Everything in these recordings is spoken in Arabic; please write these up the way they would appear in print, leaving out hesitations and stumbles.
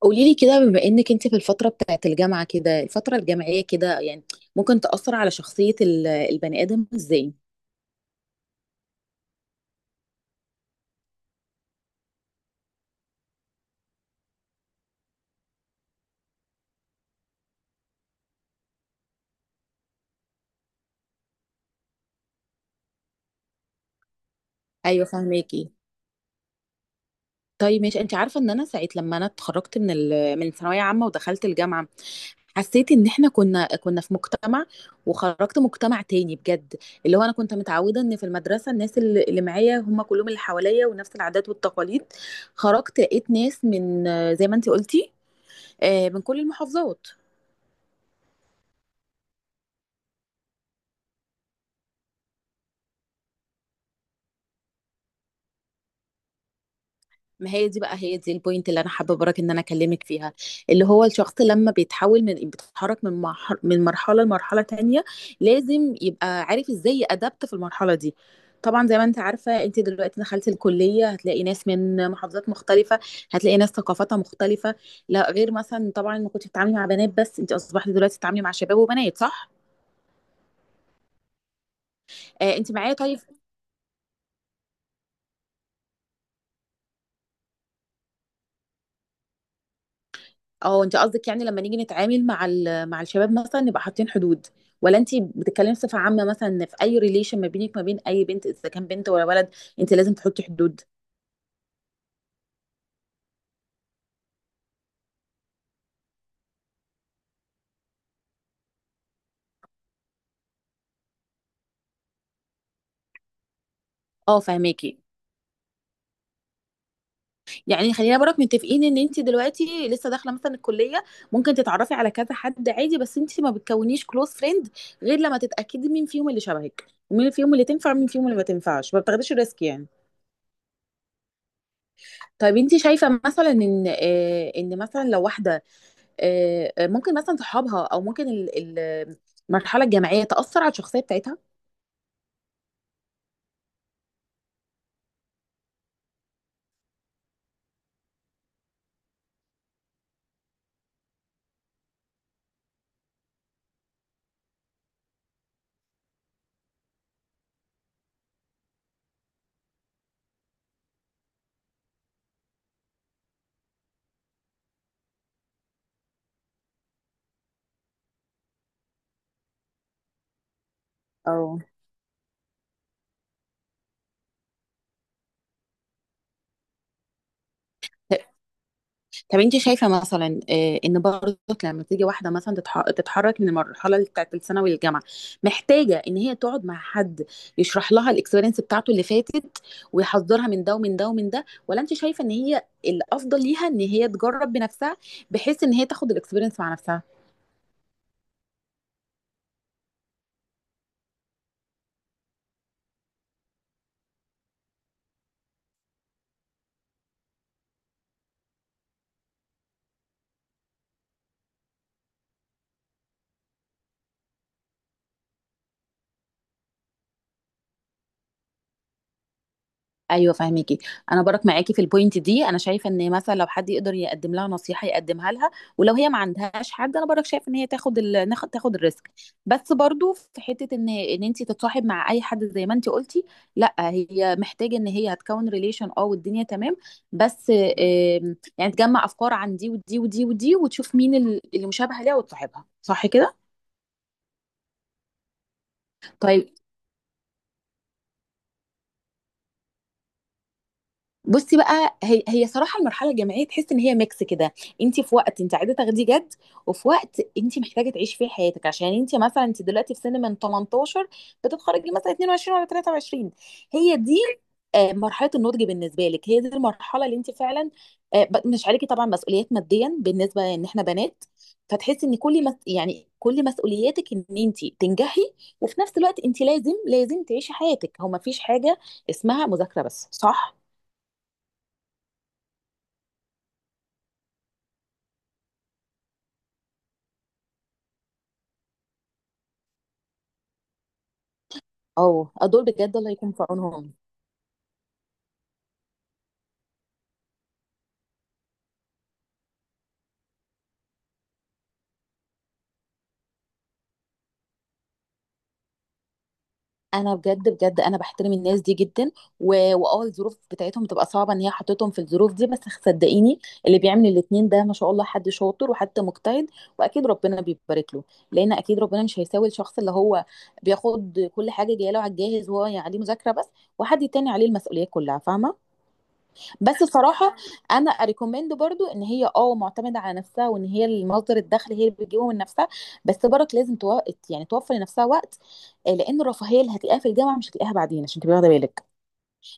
قولي لي كده، بما انك انت في الفتره بتاعت الجامعه كده، الفتره الجامعيه كده، يعني ممكن تاثر على شخصيه البني ادم ازاي؟ ايوه، فهماكي. طيب ماشي، انت عارفه ان انا ساعه لما انا اتخرجت من ثانويه عامه ودخلت الجامعه، حسيت ان احنا كنا في مجتمع وخرجت مجتمع تاني بجد. اللي هو انا كنت متعوده ان في المدرسه الناس اللي معايا هم كلهم اللي حواليا ونفس العادات والتقاليد. خرجت لقيت ناس من زي ما انت قلتي، من كل المحافظات. ما هي دي بقى، هي دي البوينت اللي انا حابه برك ان انا اكلمك فيها. اللي هو الشخص لما بيتحول، من بيتحرك من مرحله، من مرحله لمرحله تانية، لازم يبقى عارف ازاي يأدبت في المرحله دي. طبعا زي ما انت عارفه، انت دلوقتي دخلت الكليه، هتلاقي ناس من محافظات مختلفه، هتلاقي ناس ثقافتها مختلفه. لا غير مثلا، طبعا ما كنتش بتتعاملي مع بنات بس، انت اصبحتي دلوقتي بتتعاملي مع شباب وبنات، صح؟ آه انت معايا. طيب، اه انت قصدك يعني لما نيجي نتعامل مع مع الشباب مثلا نبقى حاطين حدود، ولا انت بتتكلمي بصفة عامة؟ مثلا إن في اي ريليشن ما بينك ما بين اي بنت، اذا كان بنت ولا ولد، انت لازم تحطي حدود. اه فهماكي. يعني خلينا برك متفقين ان انت دلوقتي لسه داخله مثلا الكليه، ممكن تتعرفي على كذا حد عادي، بس انت ما بتكونيش كلوز فريند غير لما تتاكدي مين فيهم اللي شبهك ومين فيهم اللي تنفع ومين فيهم اللي ما تنفعش. ما بتاخديش الريسك يعني. طيب انت شايفه مثلا ان ان مثلا لو واحده، ممكن مثلا صحابها او ممكن المرحله الجامعيه تاثر على الشخصيه بتاعتها؟ اه. طب انت شايفه مثلا ان برضك لما تيجي واحده مثلا تتحرك من المرحله بتاعت الثانوي للجامعه، محتاجه ان هي تقعد مع حد يشرح لها الاكسبيرينس بتاعته اللي فاتت، ويحذرها من ده ومن ده ومن ده، ولا انت شايفه ان هي الافضل ليها ان هي تجرب بنفسها، بحيث ان هي تاخد الاكسبيرينس مع نفسها؟ ايوه فاهمكي. انا برك معاكي في البوينت دي. انا شايفه ان مثلا لو حد يقدر يقدم لها نصيحه يقدمها لها، ولو هي ما عندهاش حد، انا برك شايف ان هي تاخد تاخد الريسك. بس برضو في حته ان، ان انت تتصاحب مع اي حد زي ما انت قلتي، لا، هي محتاجه ان هي هتكون ريليشن اه والدنيا تمام، بس يعني تجمع افكار عن دي ودي ودي ودي وتشوف مين اللي مشابهه ليها وتصاحبها، صح كده؟ طيب، بصي بقى، هي صراحه المرحله الجامعيه تحس ان هي ميكس كده. انت في وقت انت عايزه تاخديه جد، وفي وقت انت محتاجه تعيشي فيه حياتك، عشان انت مثلا انت دلوقتي في سن من 18 بتتخرجي مثلا 22 ولا 23. هي دي مرحله النضج بالنسبه لك، هي دي المرحله اللي انت فعلا مش عليكي طبعا مسؤوليات ماديا، بالنسبه ان احنا بنات، فتحسي ان يعني كل مسؤولياتك ان انت تنجحي. وفي نفس الوقت انت لازم تعيشي حياتك. هو ما فيش حاجه اسمها مذاكره بس، صح؟ اه، دول بجد الله يكون في عونهم. انا بجد بجد انا بحترم الناس دي جدا. واه الظروف بتاعتهم بتبقى صعبه، ان هي حطتهم في الظروف دي، بس صدقيني اللي بيعمل الاتنين ده ما شاء الله، حد شاطر وحد مجتهد، واكيد ربنا بيبارك له. لان اكيد ربنا مش هيساوي الشخص اللي هو بياخد كل حاجه جايه له على الجاهز وهو يعني عليه مذاكره بس، وحد تاني عليه المسؤوليه كلها، فاهمه؟ بس بصراحة أنا أريكومند برضو إن هي أه معتمدة على نفسها، وإن هي المصدر الدخل هي اللي بتجيبه من نفسها. بس برك لازم يعني توفر لنفسها وقت، لأن الرفاهية اللي هتلاقيها في الجامعة مش هتلاقيها بعدين، عشان تبقي واخدة بالك.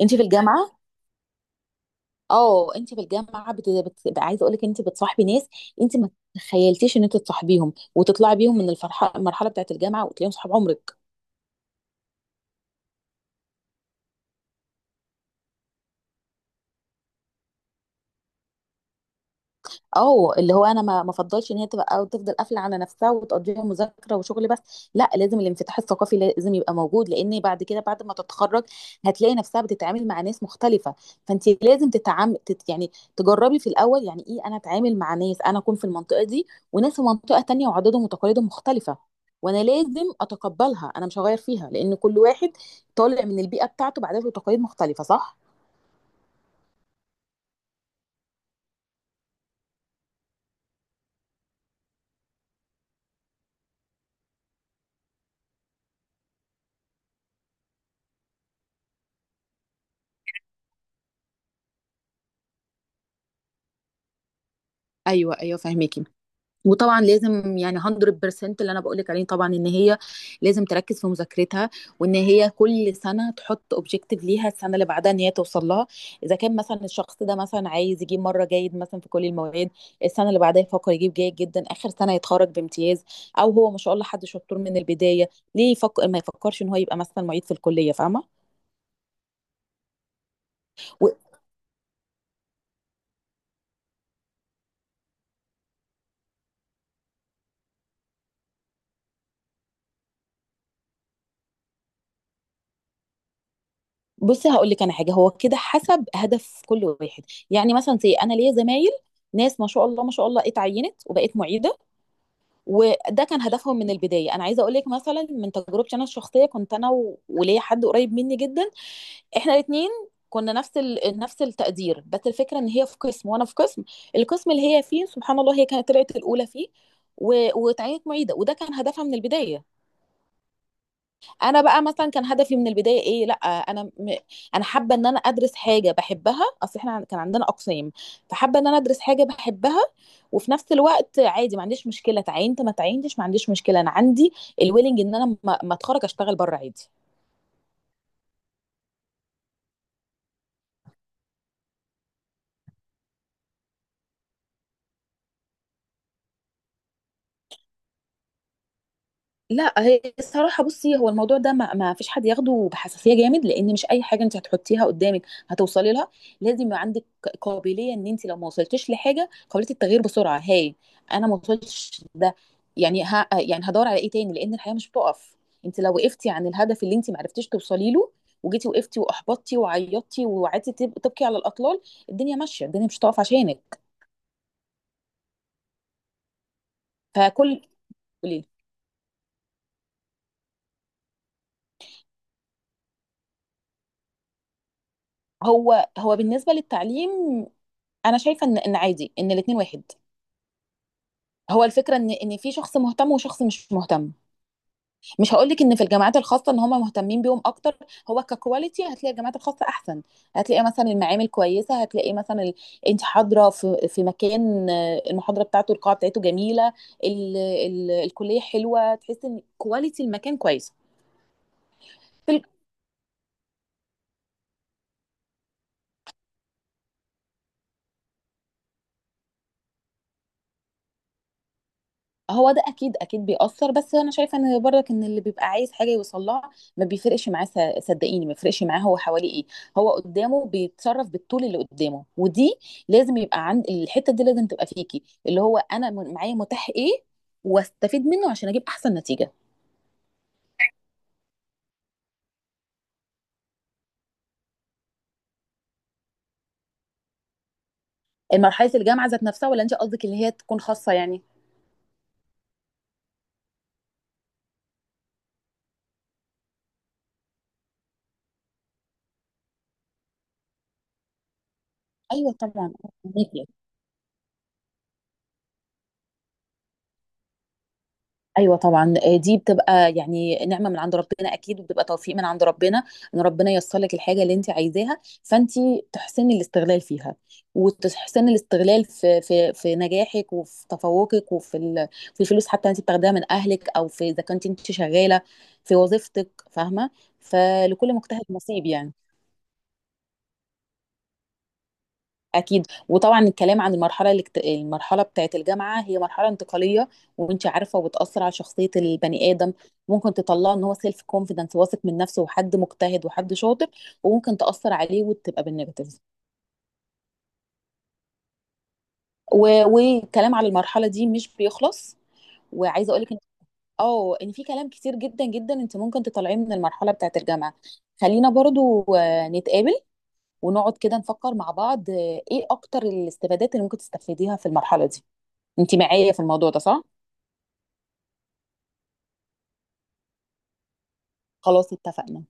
أنت في الجامعة، أه أنت في الجامعة عايزة أقول لك، أنت بتصاحبي ناس، أنت ما تخيلتيش إن أنت تصاحبيهم وتطلعي بيهم من الفرحة المرحلة بتاعت الجامعة، وتلاقيهم صحاب عمرك. اه، اللي هو انا ما افضلش ان هي تبقى او تفضل قافله على نفسها وتقضيها مذاكره وشغل بس، لا، لازم الانفتاح الثقافي لازم يبقى موجود، لان بعد كده بعد ما تتخرج هتلاقي نفسها بتتعامل مع ناس مختلفه. فانت لازم تتعامل، تت يعني تجربي في الاول، يعني ايه انا اتعامل مع ناس، انا اكون في المنطقه دي وناس في منطقه تانية وعاداتهم وتقاليدهم مختلفه، وانا لازم اتقبلها، انا مش هغير فيها، لان كل واحد طالع من البيئه بتاعته بعادات وتقاليد مختلفه، صح؟ ايوه ايوه فاهمك. وطبعا لازم يعني 100% اللي انا بقولك عليه، طبعا ان هي لازم تركز في مذاكرتها، وان هي كل سنه تحط اوبجيكتيف ليها السنه اللي بعدها ان هي توصل لها. اذا كان مثلا الشخص ده مثلا عايز يجيب مره جيد مثلا في كل المواد، السنه اللي بعدها يفكر يجيب جيد جدا، اخر سنه يتخرج بامتياز. او هو ما شاء الله حد شطور من البدايه، ليه يفكر، ما يفكرش ان هو يبقى مثلا معيد في الكليه، فاهمه؟ و- بصي هقول لك انا حاجه، هو كده حسب هدف كل واحد. يعني مثلا زي انا ليا زمايل، ناس ما شاء الله ما شاء الله اتعينت وبقت معيده، وده كان هدفهم من البدايه. انا عايزه اقول لك مثلا من تجربتي انا الشخصيه، كنت انا وليا حد قريب مني جدا، احنا الاثنين كنا نفس التقدير، بس الفكره ان هي في قسم وانا في قسم. القسم اللي هي فيه سبحان الله هي كانت طلعت الاولى فيه، و... واتعينت معيده، وده كان هدفها من البدايه. انا بقى مثلا كان هدفي من البدايه ايه؟ لا انا انا حابه ان انا ادرس حاجه بحبها. اصل احنا كان عندنا اقسام، فحابه ان انا ادرس حاجه بحبها. وفي نفس الوقت عادي ما عنديش مشكله تعينت ما تعينتش، ما عنديش مشكله، انا عندي الويلنج ان انا ما اتخرج اشتغل بره عادي. لا هي الصراحه، بصي، هو الموضوع ده ما فيش حد ياخده بحساسيه جامد، لان مش اي حاجه انت هتحطيها قدامك هتوصلي لها. لازم يبقى عندك قابليه ان انت لو ما وصلتيش لحاجه قابليه التغيير بسرعه، هاي انا ما وصلتش ده يعني، ها يعني هدور على ايه تاني، لان الحياه مش بتقف. انت لو وقفتي عن الهدف اللي انت ما عرفتيش توصلي له، وجيتي وقفتي واحبطتي وعيطتي وقعدتي تبكي على الاطلال، الدنيا ماشيه، الدنيا مش هتقف عشانك. فكل، قولي لي. هو بالنسبه للتعليم انا شايفه ان ان عادي ان الاثنين واحد. هو الفكره ان ان في شخص مهتم وشخص مش مهتم. مش هقول لك ان في الجامعات الخاصه ان هم مهتمين بيهم اكتر، هو ككواليتي هتلاقي الجامعات الخاصه احسن. هتلاقي مثلا المعامل كويسه، هتلاقي مثلا انت حاضره في في مكان، المحاضره بتاعته القاعه بتاعته جميله، الكليه حلوه، تحس ان كواليتي المكان كويسه. هو ده اكيد اكيد بيأثر، بس انا شايفه ان برضك ان اللي بيبقى عايز حاجه يوصلها ما بيفرقش معاه. صدقيني ما بيفرقش معاه هو حواليه ايه، هو قدامه بيتصرف بالطول اللي قدامه. ودي لازم يبقى عند، الحته دي لازم تبقى فيكي، اللي هو انا معايا متاح ايه واستفيد منه عشان اجيب احسن نتيجه. مرحله الجامعه ذات نفسها، ولا انت قصدك اللي هي تكون خاصه يعني؟ ايوه طبعا. ايوه طبعا، دي بتبقى يعني نعمه من عند ربنا اكيد، وبتبقى توفيق من عند ربنا، ان ربنا ييسر لك الحاجه اللي انت عايزاها. فانت تحسني الاستغلال فيها، وتحسني الاستغلال في في في نجاحك وفي تفوقك وفي في الفلوس حتى انت بتاخديها من اهلك، او في اذا كنت انت شغاله في وظيفتك، فاهمه؟ فلكل مجتهد نصيب يعني. اكيد. وطبعا الكلام عن المرحله المرحله بتاعه الجامعه، هي مرحله انتقاليه، وانت عارفه وبتاثر على شخصيه البني ادم. ممكن تطلعه ان هو سيلف كونفيدنس، واثق من نفسه وحد مجتهد وحد شاطر، وممكن تاثر عليه وتبقى بالنيجاتيف. والكلام على المرحله دي مش بيخلص. وعايزه اقول لك ان اه ان في كلام كتير جدا جدا انت ممكن تطلعيه من المرحله بتاعه الجامعه. خلينا برضو نتقابل ونقعد كده نفكر مع بعض، ايه اكتر الاستفادات اللي ممكن تستفيديها في المرحله دي؟ انت معايا في الموضوع ده، صح؟ خلاص اتفقنا.